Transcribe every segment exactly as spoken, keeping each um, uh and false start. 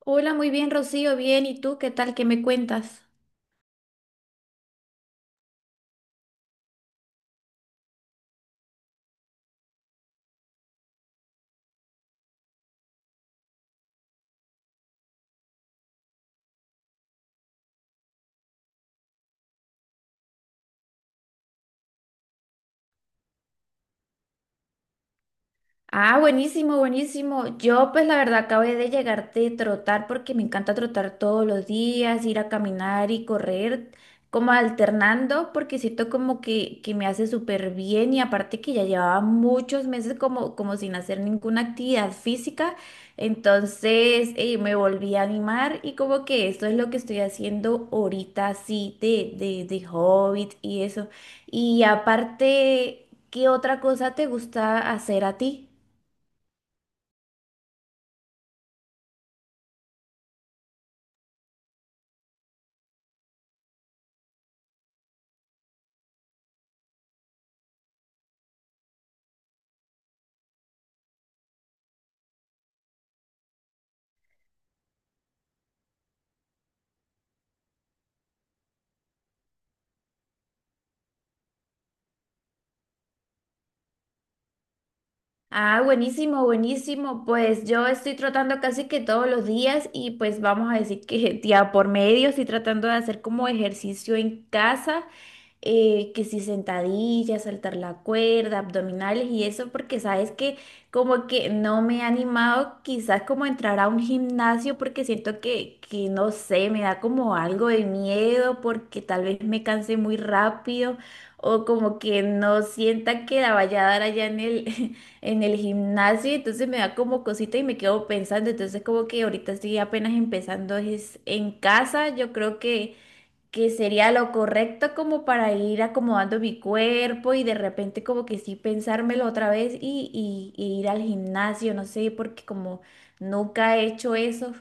Hola, muy bien, Rocío, bien. ¿Y tú qué tal? ¿Qué me cuentas? Ah, buenísimo, buenísimo. Yo pues la verdad acabé de llegar de trotar porque me encanta trotar todos los días, ir a caminar y correr, como alternando, porque siento como que, que me hace súper bien y aparte que ya llevaba muchos meses como, como sin hacer ninguna actividad física, entonces eh, me volví a animar y como que esto es lo que estoy haciendo ahorita así de, de, de Hobbit y eso. Y aparte, ¿qué otra cosa te gusta hacer a ti? Ah, buenísimo, buenísimo. Pues yo estoy tratando casi que todos los días y pues vamos a decir que día por medio estoy tratando de hacer como ejercicio en casa, eh, que si sentadillas, saltar la cuerda, abdominales y eso, porque sabes que como que no me he animado quizás como a entrar a un gimnasio porque siento que, que no sé, me da como algo de miedo porque tal vez me canse muy rápido o como que no sienta que la vaya a dar allá en el en el gimnasio, entonces me da como cosita y me quedo pensando, entonces como que ahorita estoy apenas empezando es en casa, yo creo que que sería lo correcto como para ir acomodando mi cuerpo y de repente como que sí pensármelo otra vez y, y, y ir al gimnasio, no sé, porque como nunca he hecho eso.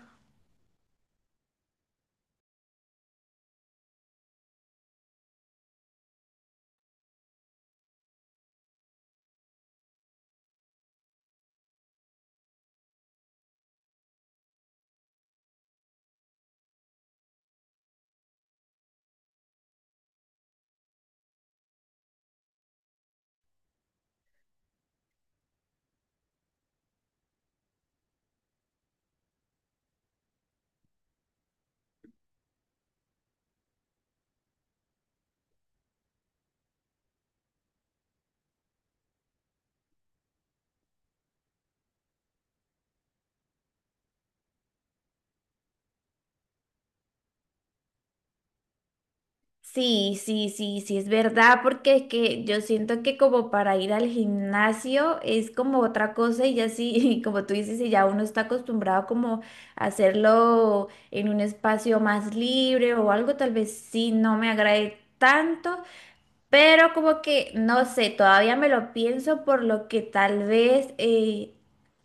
Sí, sí, sí, sí, es verdad, porque es que yo siento que como para ir al gimnasio es como otra cosa y ya sí, como tú dices, y ya uno está acostumbrado como a hacerlo en un espacio más libre o algo, tal vez sí no me agrade tanto, pero como que, no sé, todavía me lo pienso por lo que tal vez eh,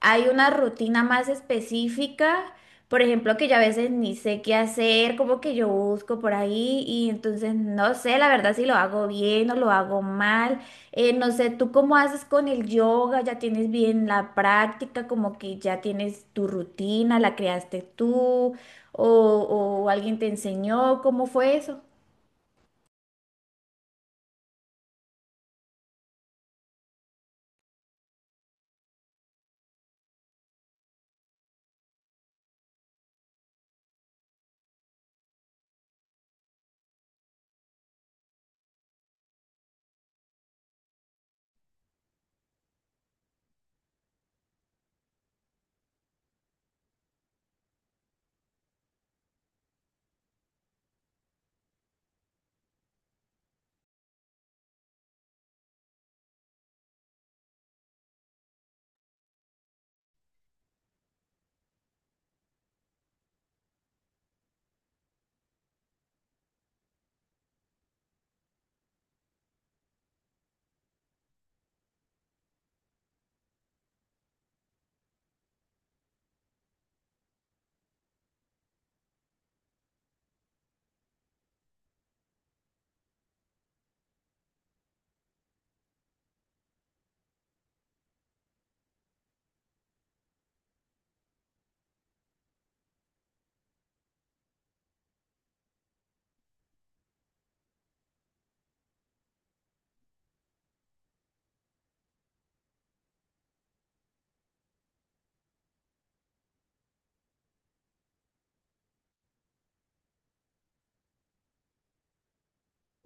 hay una rutina más específica, por ejemplo, que yo a veces ni sé qué hacer, como que yo busco por ahí y entonces no sé, la verdad, si lo hago bien o lo hago mal. Eh, no sé, ¿tú cómo haces con el yoga? ¿Ya tienes bien la práctica? Como que ya tienes tu rutina, ¿la creaste tú o, o alguien te enseñó? ¿Cómo fue eso?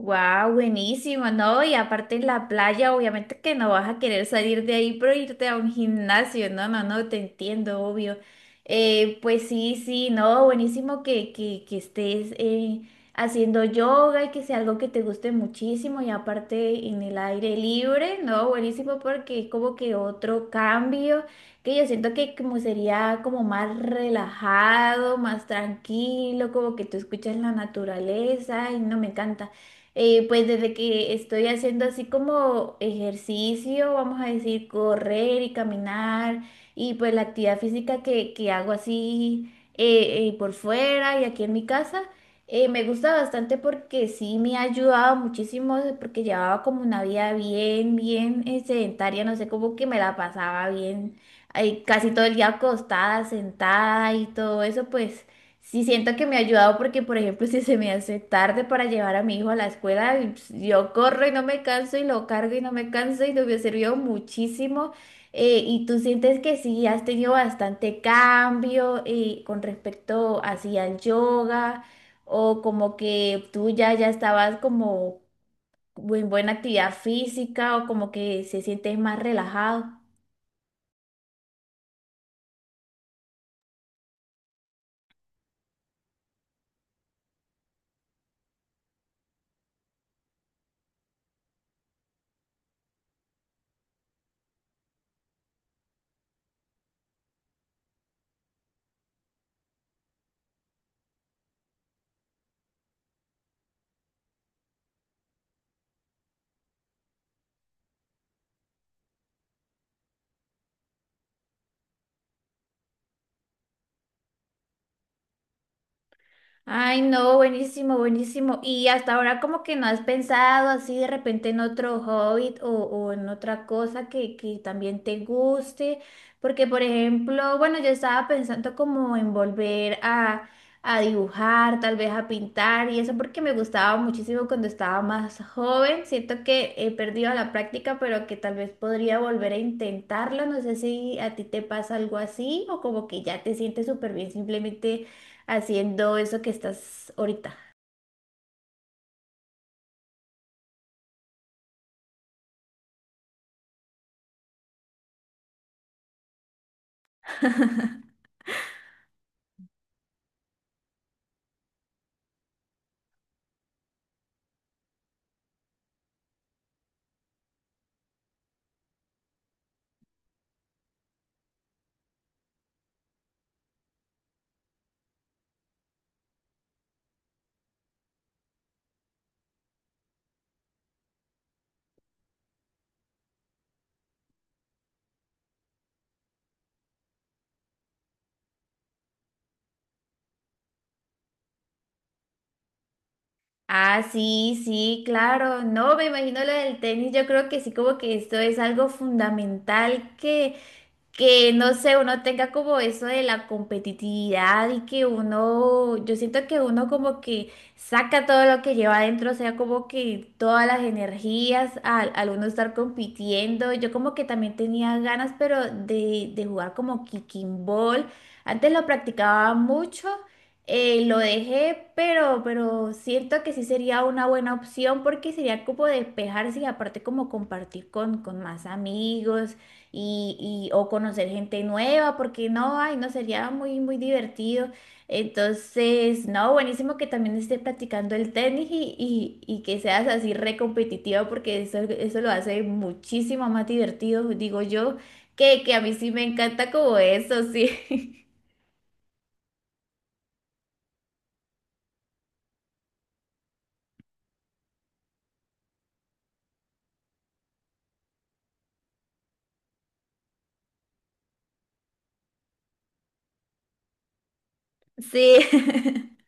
Wow, buenísimo, ¿no? Y aparte en la playa, obviamente que no vas a querer salir de ahí pero irte a un gimnasio, no, no, no, te entiendo, obvio. Eh, pues sí, sí, no, buenísimo que, que, que estés eh, haciendo yoga y que sea algo que te guste muchísimo y aparte en el aire libre, ¿no? Buenísimo porque es como que otro cambio que yo siento que como sería como más relajado, más tranquilo, como que tú escuchas la naturaleza y no me encanta. Eh, pues desde que estoy haciendo así como ejercicio, vamos a decir, correr y caminar, y pues la actividad física que, que hago así eh, eh, por fuera y aquí en mi casa, eh, me gusta bastante porque sí me ha ayudado muchísimo, eh, porque llevaba como una vida bien, bien eh, sedentaria, no sé, como que me la pasaba bien, ay, casi todo el día acostada, sentada y todo eso, pues. Sí, siento que me ha ayudado porque, por ejemplo, si se me hace tarde para llevar a mi hijo a la escuela, y, pues, yo corro y no me canso y lo cargo y no me canso y no me sirvió muchísimo. Eh, ¿y tú sientes que sí, has tenido bastante cambio eh, con respecto así al yoga o como que tú ya, ya estabas como en buena actividad física o como que se sientes más relajado? Ay, no, buenísimo, buenísimo. ¿Y hasta ahora como que no has pensado así de repente en otro hobby o, o en otra cosa que, que también te guste? Porque, por ejemplo, bueno, yo estaba pensando como en volver a, a dibujar, tal vez a pintar y eso porque me gustaba muchísimo cuando estaba más joven. Siento que he perdido la práctica, pero que tal vez podría volver a intentarlo. No sé si a ti te pasa algo así o como que ya te sientes súper bien simplemente haciendo eso que estás ahorita. Ah, sí, sí, claro. No, me imagino lo del tenis. Yo creo que sí, como que esto es algo fundamental que que no sé, uno tenga como eso de la competitividad y que uno, yo siento que uno como que saca todo lo que lleva adentro, o sea, como que todas las energías al, al uno estar compitiendo. Yo como que también tenía ganas, pero de, de jugar como kicking ball. Antes lo practicaba mucho. Eh, lo dejé, pero, pero siento que sí sería una buena opción porque sería como despejarse y aparte como compartir con, con más amigos y, y- o conocer gente nueva, porque no, ay, no sería muy, muy divertido. Entonces, no, buenísimo que también esté practicando el tenis y, y- y que seas así re competitiva, porque eso, eso lo hace muchísimo más divertido, digo yo, que, que a mí sí me encanta como eso, sí. Sí.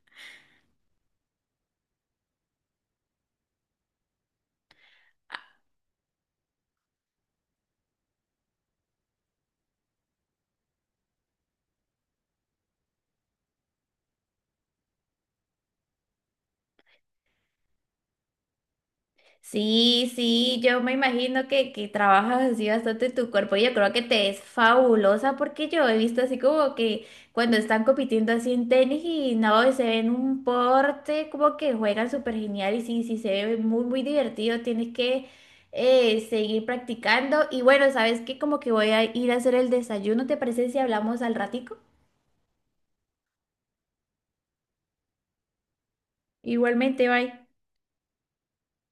Sí, sí, yo me imagino que, que trabajas así bastante tu cuerpo y yo creo que te es fabulosa porque yo he visto así como que cuando están compitiendo así en tenis y no, se ven un porte, como que juegan súper genial y sí, sí, se ve muy, muy divertido, tienes que eh, seguir practicando y bueno, sabes que como que voy a ir a hacer el desayuno, ¿te parece si hablamos al ratico? Igualmente, bye.